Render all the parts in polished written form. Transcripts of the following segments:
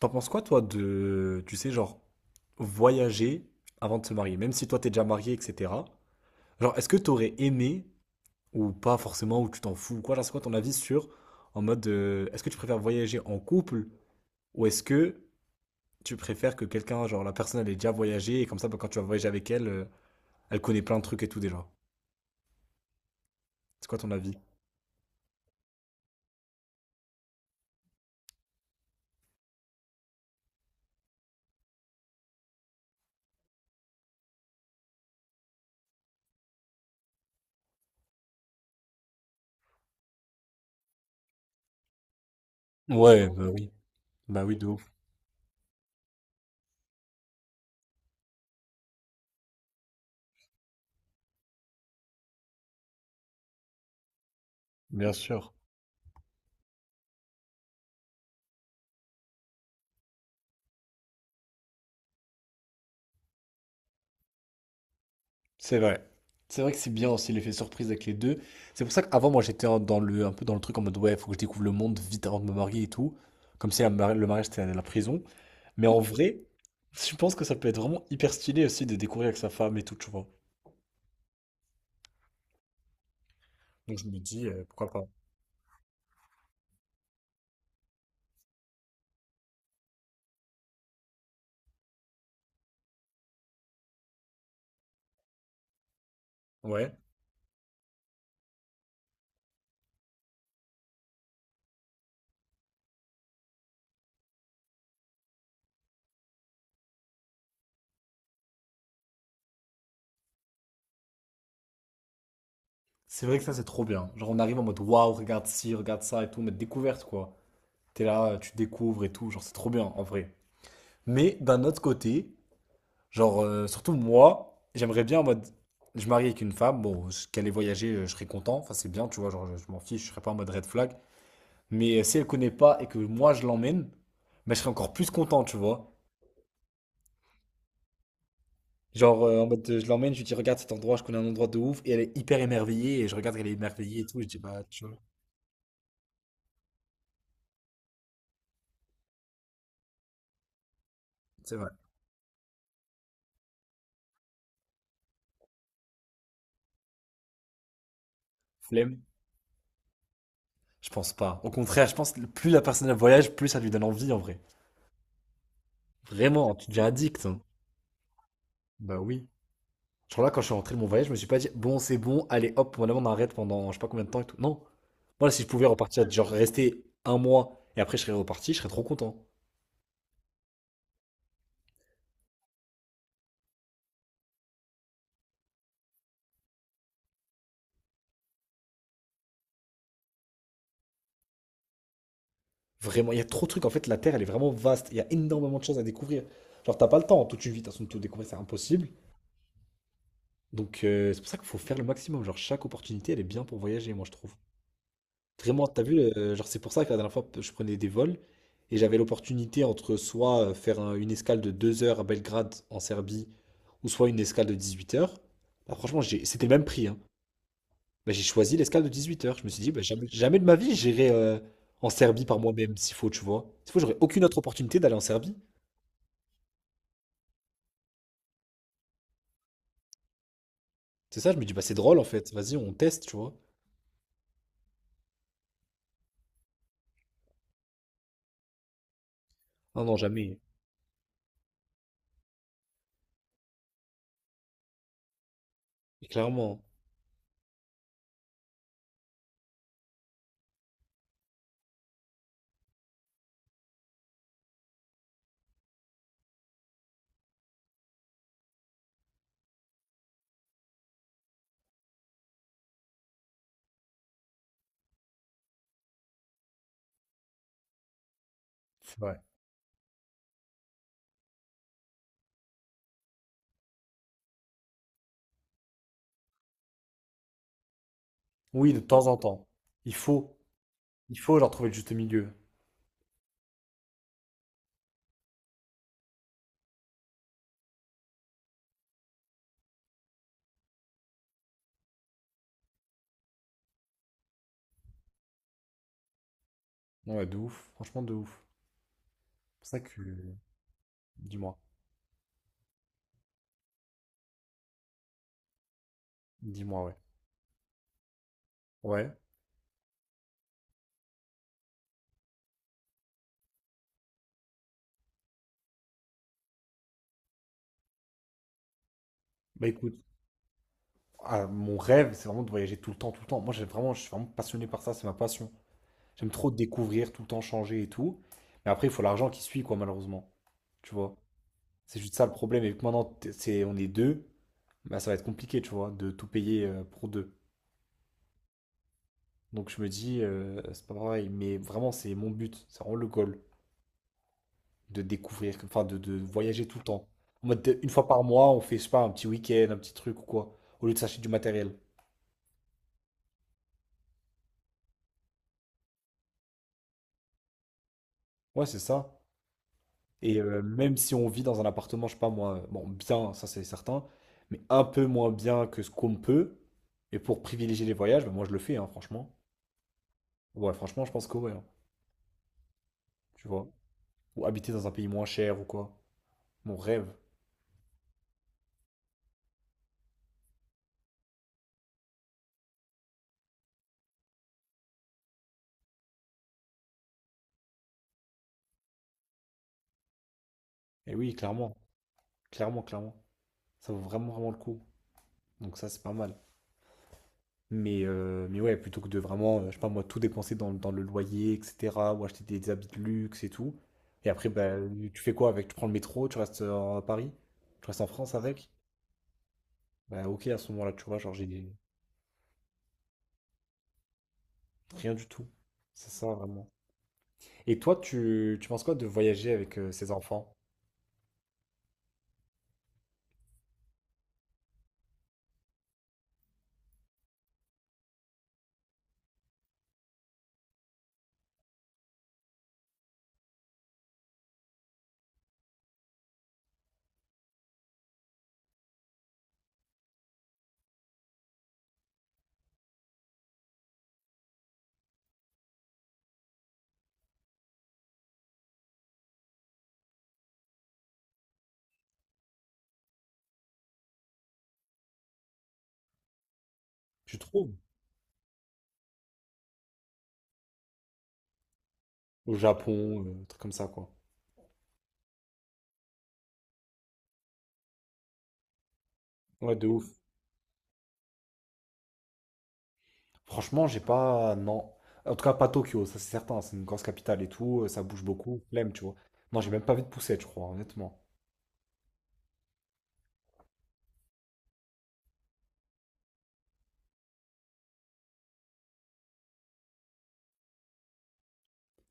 T'en penses quoi, toi, de, tu sais, genre, voyager avant de se marier, même si toi t'es déjà marié, etc. Genre, est-ce que t'aurais aimé, ou pas forcément, ou tu t'en fous, ou quoi, genre, c'est quoi ton avis sur, en mode, est-ce que tu préfères voyager en couple, ou est-ce que tu préfères que quelqu'un, genre, la personne, elle ait déjà voyagé, et comme ça, bah, quand tu vas voyager avec elle, elle connaît plein de trucs et tout déjà. C'est quoi ton avis? Ouais, bah oui, de ouf, bien sûr. C'est vrai. C'est vrai que c'est bien aussi l'effet surprise avec les deux. C'est pour ça qu'avant, moi, j'étais un peu dans le truc en mode, ouais, faut que je découvre le monde vite avant de me marier et tout. Comme si le mariage, c'était la prison. Mais en vrai, je pense que ça peut être vraiment hyper stylé aussi de découvrir avec sa femme et tout, tu vois. Donc je me dis, pourquoi pas. Ouais. C'est vrai que ça, c'est trop bien. Genre, on arrive en mode, waouh, regarde ci, regarde ça et tout, mais découverte, quoi. T'es là, tu découvres et tout. Genre, c'est trop bien, en vrai. Mais d'un autre côté, genre, surtout moi, j'aimerais bien en mode. Je marie avec une femme, bon, qu'elle ait voyagé, je serais content. Enfin, c'est bien, tu vois, genre, je m'en fiche, je serais pas en mode red flag. Mais si elle connaît pas et que moi je l'emmène, bah, je serais encore plus content, tu vois. Genre, en mode, je l'emmène, je lui dis, regarde cet endroit, je connais un endroit de ouf, et elle est hyper émerveillée, et je regarde qu'elle est émerveillée et tout, je dis, bah, tu vois, c'est vrai. Flemme, je pense pas. Au contraire, je pense que plus la personne elle voyage, plus ça lui donne envie, en vrai. Vraiment, tu deviens addict, hein. Bah oui. Genre là, quand je suis rentré de mon voyage, je me suis pas dit, bon, c'est bon, allez, hop, maintenant on arrête pendant je sais pas combien de temps et tout. Non. Moi, si je pouvais repartir, genre rester un mois et après je serais reparti, je serais trop content. Vraiment, il y a trop de trucs. En fait, la Terre, elle est vraiment vaste. Il y a énormément de choses à découvrir. Genre, t'as pas le temps en toute une vie, de toute façon, de tout découvrir, c'est impossible. Donc, c'est pour ça qu'il faut faire le maximum. Genre, chaque opportunité, elle est bien pour voyager, moi, je trouve. Vraiment, t'as vu, genre c'est pour ça que la dernière fois je prenais des vols et j'avais l'opportunité entre soit faire une escale de 2 heures à Belgrade en Serbie ou soit une escale de 18 heures. Bah, franchement, c'était le même prix, hein. Bah, j'ai choisi l'escale de 18 heures. Je me suis dit, bah, jamais, jamais de ma vie j'irai en Serbie par moi-même s'il faut, tu vois. S'il faut, j'aurais aucune autre opportunité d'aller en Serbie. C'est ça, je me dis, bah c'est drôle en fait, vas-y, on teste, tu vois. Non, non, jamais. Et clairement. Ouais. Oui, de temps en temps. Il faut. Il faut leur trouver le juste milieu. Non, ouais, de ouf. Franchement, de ouf. Pour ça que. Dis-moi. Dis-moi, ouais. Ouais. Bah écoute, ah, mon rêve, c'est vraiment de voyager tout le temps, tout le temps. Moi, j'ai vraiment, je suis vraiment passionné par ça, c'est ma passion. J'aime trop découvrir, tout le temps changer et tout. Mais après, il faut l'argent qui suit, quoi, malheureusement. Tu vois. C'est juste ça le problème. Et vu que maintenant, c'est, on est deux, bah ça va être compliqué, tu vois, de tout payer pour deux. Donc je me dis, c'est pas pareil. Mais vraiment, c'est mon but. C'est vraiment le goal, de découvrir, enfin de voyager tout le temps. En mode, une fois par mois, on fait, je sais pas, un petit week-end, un petit truc ou quoi, au lieu de s'acheter du matériel. Ouais, c'est ça. Et même si on vit dans un appartement, je sais pas moi, bon, bien, ça c'est certain, mais un peu moins bien que ce qu'on peut, et pour privilégier les voyages, bah, moi je le fais, hein, franchement. Ouais, franchement, je pense que ouais, hein, tu vois. Ou habiter dans un pays moins cher ou quoi. Mon rêve. Et oui, clairement, clairement, clairement. Ça vaut vraiment, vraiment le coup. Donc ça, c'est pas mal. Mais ouais, plutôt que de vraiment, je sais pas moi, tout dépenser dans le loyer, etc., ou acheter des habits de luxe et tout. Et après, bah, tu fais quoi avec? Tu prends le métro, tu restes à Paris, tu restes en France avec? Bah ok, à ce moment-là, tu vois, genre rien du tout. C'est ça, vraiment. Et toi, tu penses quoi de voyager avec ses enfants? Tu trouves? Au Japon, truc comme ça, quoi. Ouais, de ouf. Franchement, j'ai pas... Non. En tout cas, pas Tokyo, ça c'est certain. C'est une grosse capitale et tout, ça bouge beaucoup. Flemme, tu vois. Non, j'ai même pas envie de pousser, je crois, honnêtement.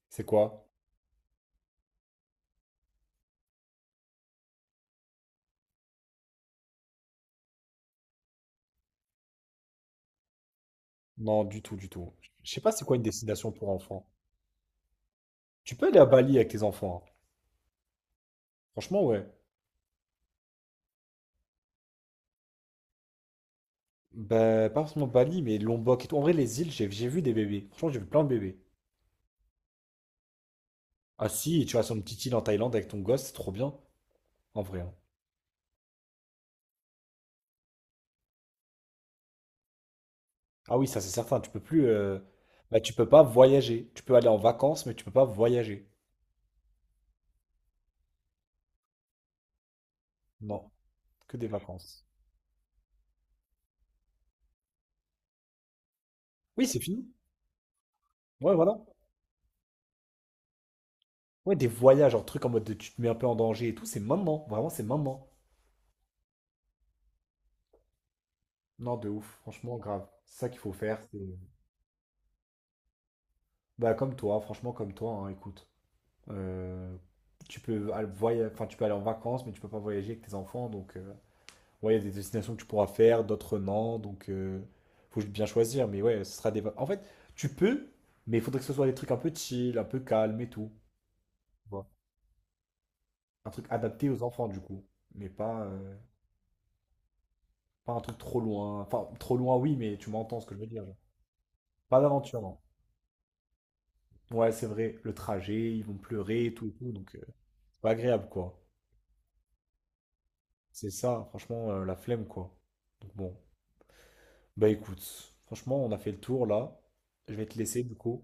C'est quoi? Non, du tout, du tout. Je sais pas c'est quoi une destination pour enfants. Tu peux aller à Bali avec tes enfants, hein. Franchement, ouais. Ben pas forcément Bali, mais Lombok et tout. En vrai, les îles, j'ai vu des bébés. Franchement, j'ai vu plein de bébés. Ah si, tu vas sur une petite île en Thaïlande avec ton gosse, c'est trop bien, en vrai, hein. Ah oui, ça c'est certain. Tu peux plus, bah tu peux pas voyager. Tu peux aller en vacances, mais tu peux pas voyager. Non, que des vacances. Oui, c'est fini. Ouais, voilà. Ouais, des voyages, genre truc en mode de, tu te mets un peu en danger et tout. C'est maintenant, vraiment, c'est maintenant. Non, de ouf, franchement, grave. C'est ça qu'il faut faire. Bah, comme toi, franchement, comme toi, hein, écoute. Euh, tu peux aller enfin, tu peux aller en vacances, mais tu peux pas voyager avec tes enfants. Donc, ouais, il y a des destinations que tu pourras faire, d'autres non. Donc, faut bien choisir. Mais ouais, ce sera des. Va- en fait, tu peux, mais il faudrait que ce soit des trucs un peu chill, un peu calme et tout, tu vois. Un truc adapté aux enfants, du coup. Mais pas, pas un truc trop loin. Enfin, trop loin, oui, mais tu m'entends ce que je veux dire, genre. Pas d'aventure, non. Ouais, c'est vrai, le trajet, ils vont pleurer et tout, donc pas agréable, quoi. C'est ça, franchement, la flemme, quoi. Donc bon, bah écoute, franchement, on a fait le tour là. Je vais te laisser, du coup.